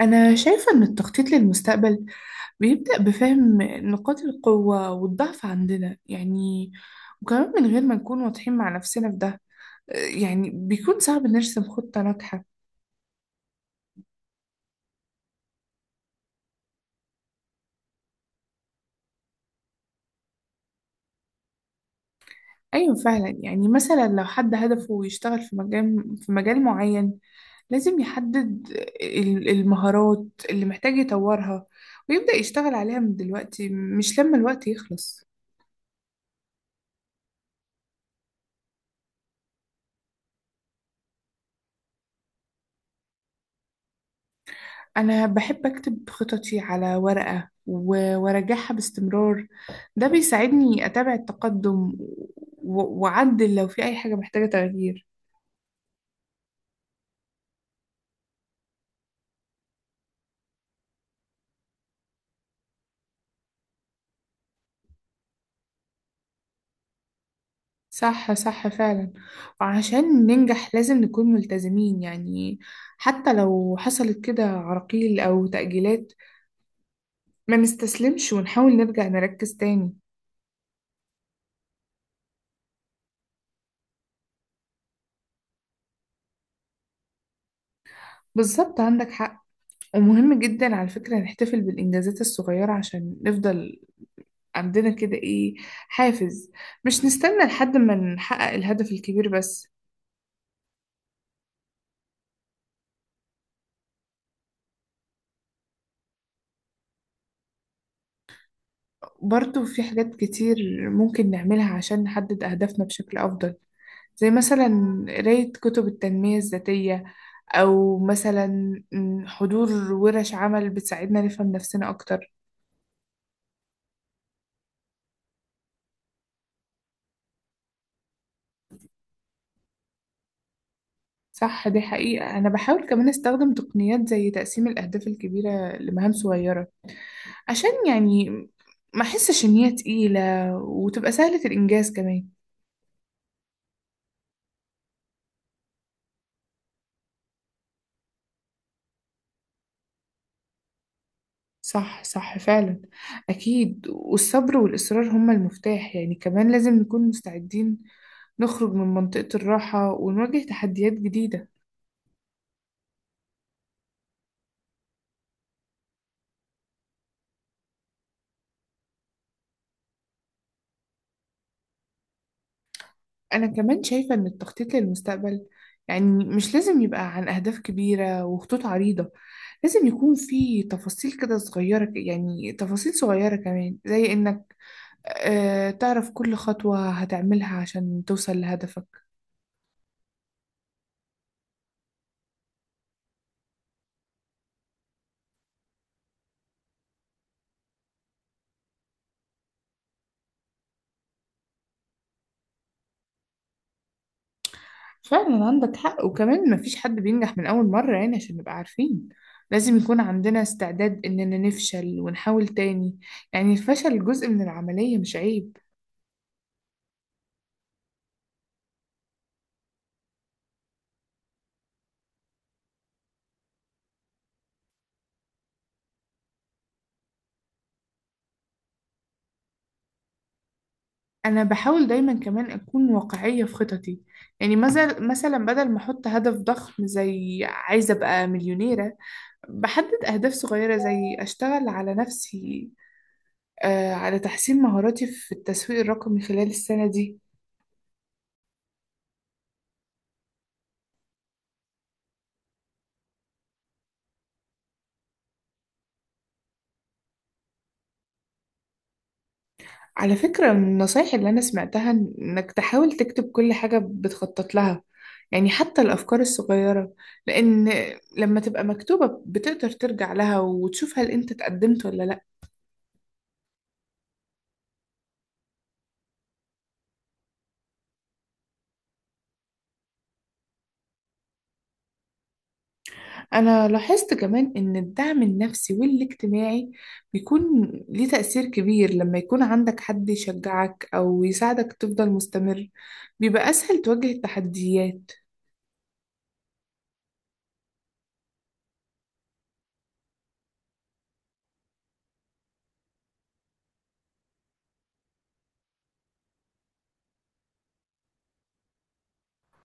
أنا شايفة إن التخطيط للمستقبل بيبدأ بفهم نقاط القوة والضعف عندنا وكمان من غير ما نكون واضحين مع نفسنا في ده، يعني بيكون صعب نرسم خطة ناجحة. أيوة فعلا، يعني مثلا لو حد هدفه يشتغل في مجال معين، لازم يحدد المهارات اللي محتاج يطورها، ويبدأ يشتغل عليها من دلوقتي مش لما الوقت يخلص. أنا بحب أكتب خططي على ورقة وأراجعها باستمرار، ده بيساعدني أتابع التقدم وأعدل لو في أي حاجة محتاجة تغيير. صح صح فعلا، وعشان ننجح لازم نكون ملتزمين، يعني حتى لو حصلت كده عراقيل أو تأجيلات ما نستسلمش ونحاول نرجع نركز تاني. بالظبط، عندك حق. ومهم جدا على فكرة نحتفل بالإنجازات الصغيرة عشان نفضل عندنا كده ايه، حافز. مش نستنى لحد ما نحقق الهدف الكبير بس. برضو في حاجات كتير ممكن نعملها عشان نحدد أهدافنا بشكل أفضل، زي مثلا قراية كتب التنمية الذاتية، أو مثلا حضور ورش عمل بتساعدنا نفهم نفسنا أكتر. صح، دي حقيقة. أنا بحاول كمان أستخدم تقنيات زي تقسيم الأهداف الكبيرة لمهام صغيرة، عشان يعني ما أحسش إن هي تقيلة وتبقى سهلة الإنجاز كمان. صح صح فعلا، أكيد. والصبر والإصرار هما المفتاح، يعني كمان لازم نكون مستعدين نخرج من منطقة الراحة ونواجه تحديات جديدة. أنا كمان شايفة إن التخطيط للمستقبل يعني مش لازم يبقى عن أهداف كبيرة وخطوط عريضة، لازم يكون في تفاصيل كده صغيرة، يعني تفاصيل صغيرة كمان، زي إنك تعرف كل خطوة هتعملها عشان توصل لهدفك. فعلا عندك حق. وكمان مفيش حد بينجح من أول مرة، يعني عشان نبقى عارفين لازم يكون عندنا استعداد إننا نفشل ونحاول تاني. يعني الفشل جزء من العملية مش عيب. أنا بحاول دايما كمان أكون واقعية في خططي، يعني مثلا بدل ما أحط هدف ضخم زي عايزة أبقى مليونيرة، بحدد أهداف صغيرة زي أشتغل على نفسي، على تحسين مهاراتي في التسويق الرقمي خلال السنة دي. على فكرة، من النصايح اللي أنا سمعتها إنك تحاول تكتب كل حاجة بتخطط لها، يعني حتى الأفكار الصغيرة، لأن لما تبقى مكتوبة بتقدر ترجع لها وتشوف هل أنت اتقدمت ولا لأ. أنا لاحظت كمان إن الدعم النفسي والاجتماعي بيكون ليه تأثير كبير، لما يكون عندك حد يشجعك أو يساعدك تفضل مستمر بيبقى أسهل تواجه التحديات.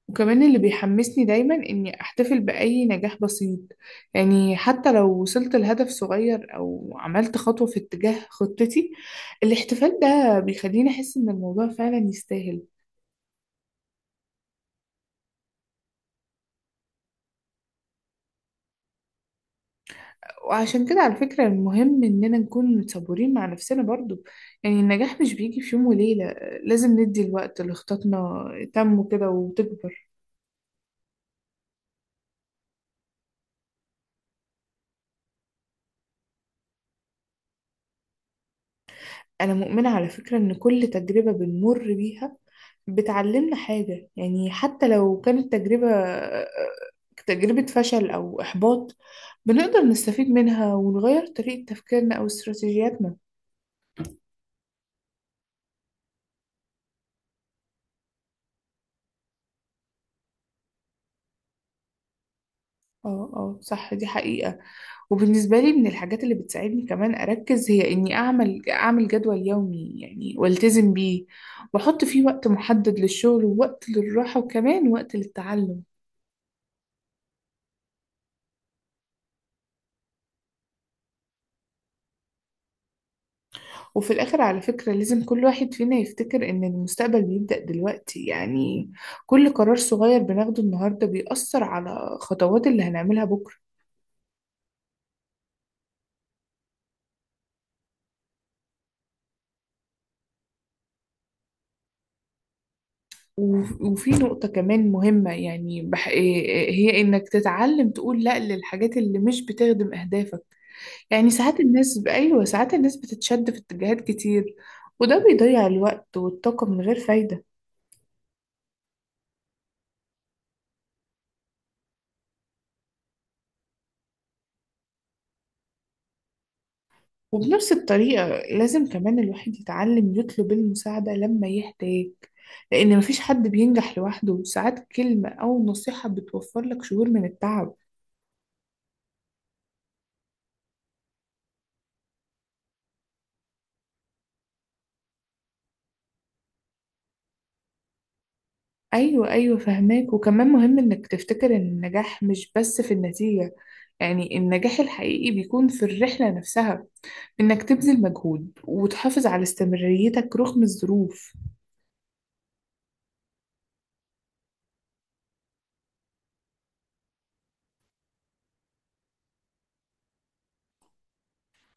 وكمان اللي بيحمسني دايما إني أحتفل بأي نجاح بسيط، يعني حتى لو وصلت لهدف صغير أو عملت خطوة في اتجاه خطتي، الاحتفال ده بيخليني أحس إن الموضوع فعلا يستاهل. وعشان كده على فكرة المهم إننا نكون صبورين مع نفسنا برضو، يعني النجاح مش بيجي في يوم وليلة، لازم ندي الوقت لخططنا تنمو كده وتكبر. أنا مؤمنة على فكرة إن كل تجربة بنمر بيها بتعلمنا حاجة، يعني حتى لو كانت تجربة فشل أو إحباط بنقدر نستفيد منها ونغير طريقة تفكيرنا أو استراتيجياتنا. اه اه صح، دي حقيقة. وبالنسبة لي، من الحاجات اللي بتساعدني كمان أركز هي إني أعمل جدول يومي يعني والتزم بيه، وأحط فيه وقت محدد للشغل ووقت للراحة وكمان وقت للتعلم. وفي الآخر على فكرة لازم كل واحد فينا يفتكر إن المستقبل بيبدأ دلوقتي، يعني كل قرار صغير بناخده النهاردة بيأثر على خطوات اللي هنعملها بكرة. و- وفي نقطة كمان مهمة، يعني هي إنك تتعلم تقول لأ للحاجات اللي مش بتخدم أهدافك. يعني ساعات الناس، ساعات الناس بتتشد في اتجاهات كتير وده بيضيع الوقت والطاقة من غير فايدة. وبنفس الطريقة لازم كمان الواحد يتعلم يطلب المساعدة لما يحتاج، لأن مفيش حد بينجح لوحده. ساعات كلمة أو نصيحة بتوفر لك شهور من التعب. أيوة أيوة فهماك. وكمان مهم إنك تفتكر إن النجاح مش بس في النتيجة، يعني النجاح الحقيقي بيكون في الرحلة نفسها، إنك تبذل مجهود وتحافظ على استمراريتك رغم الظروف.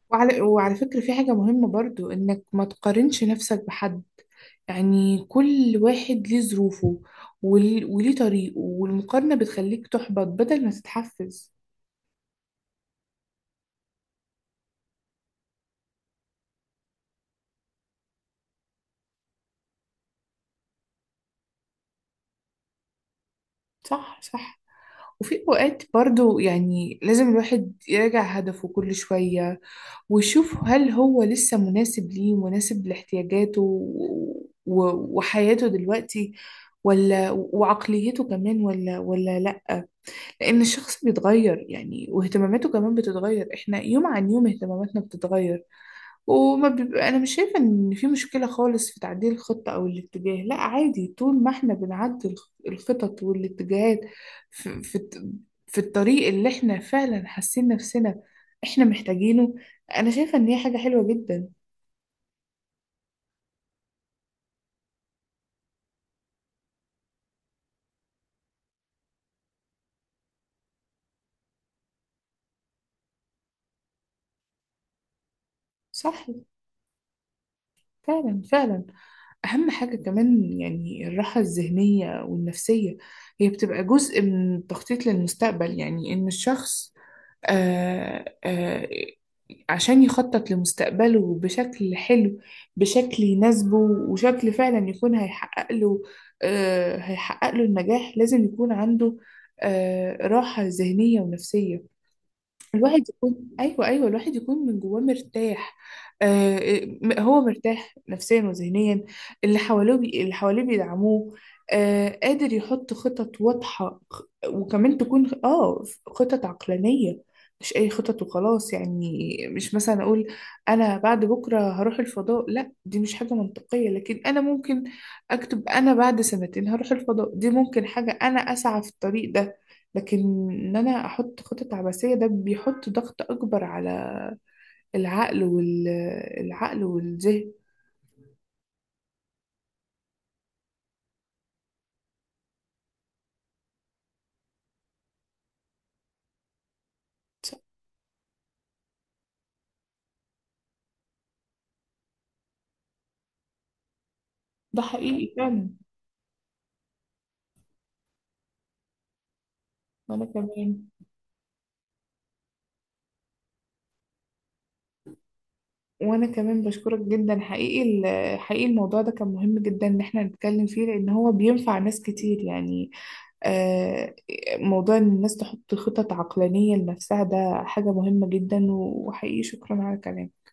وعلى فكرة في حاجة مهمة برضو إنك ما تقارنش نفسك بحد، يعني كل واحد ليه ظروفه وليه طريقه، والمقارنة بتخليك تحبط بدل ما تتحفز. صح صح. وفي أوقات برضو يعني لازم الواحد يراجع هدفه كل شوية، ويشوف هل هو لسه مناسب ليه، مناسب لاحتياجاته وحياته دلوقتي ولا، وعقليته كمان ولا، ولا لا. لأن الشخص بيتغير يعني، واهتماماته كمان بتتغير، احنا يوم عن يوم اهتماماتنا بتتغير وما بيبقى. أنا مش شايفة إن في مشكلة خالص في تعديل الخطة أو الاتجاه، لا عادي، طول ما إحنا بنعدل الخطط والاتجاهات في, في, الت- في الطريق اللي إحنا فعلا حاسين نفسنا إحنا محتاجينه، أنا شايفة إن هي حاجة حلوة جدا. صح فعلا فعلا. أهم حاجة كمان يعني الراحة الذهنية والنفسية هي بتبقى جزء من التخطيط للمستقبل، يعني إن الشخص آه، آه، عشان يخطط لمستقبله بشكل حلو، بشكل يناسبه وشكل فعلا يكون هيحقق له، هيحقق له النجاح، لازم يكون عنده راحة ذهنية ونفسية. الواحد يكون، ايوه ايوه، الواحد يكون من جواه مرتاح. آه هو مرتاح نفسيا وذهنيا، اللي حواليه اللي حواليه بيدعموه، قادر يحط خطط واضحة، وكمان تكون خطط عقلانية، مش اي خطط وخلاص. يعني مش مثلا اقول انا بعد بكرة هروح الفضاء، لا دي مش حاجة منطقية، لكن انا ممكن اكتب انا بعد سنتين هروح الفضاء، دي ممكن حاجة انا اسعى في الطريق ده. لكن ان انا احط خطط عبثية، ده بيحط ضغط اكبر على العقل، والعقل والذهن. ده حقيقي فعلا. وانا كمان وانا كمان بشكرك جدا حقيقي، حقيقي الموضوع ده كان مهم جدا ان احنا نتكلم فيه، لان هو بينفع ناس كتير يعني. آه، موضوع ان الناس تحط خطط عقلانية لنفسها ده حاجة مهمة جدا، وحقيقي شكرا على كلامك.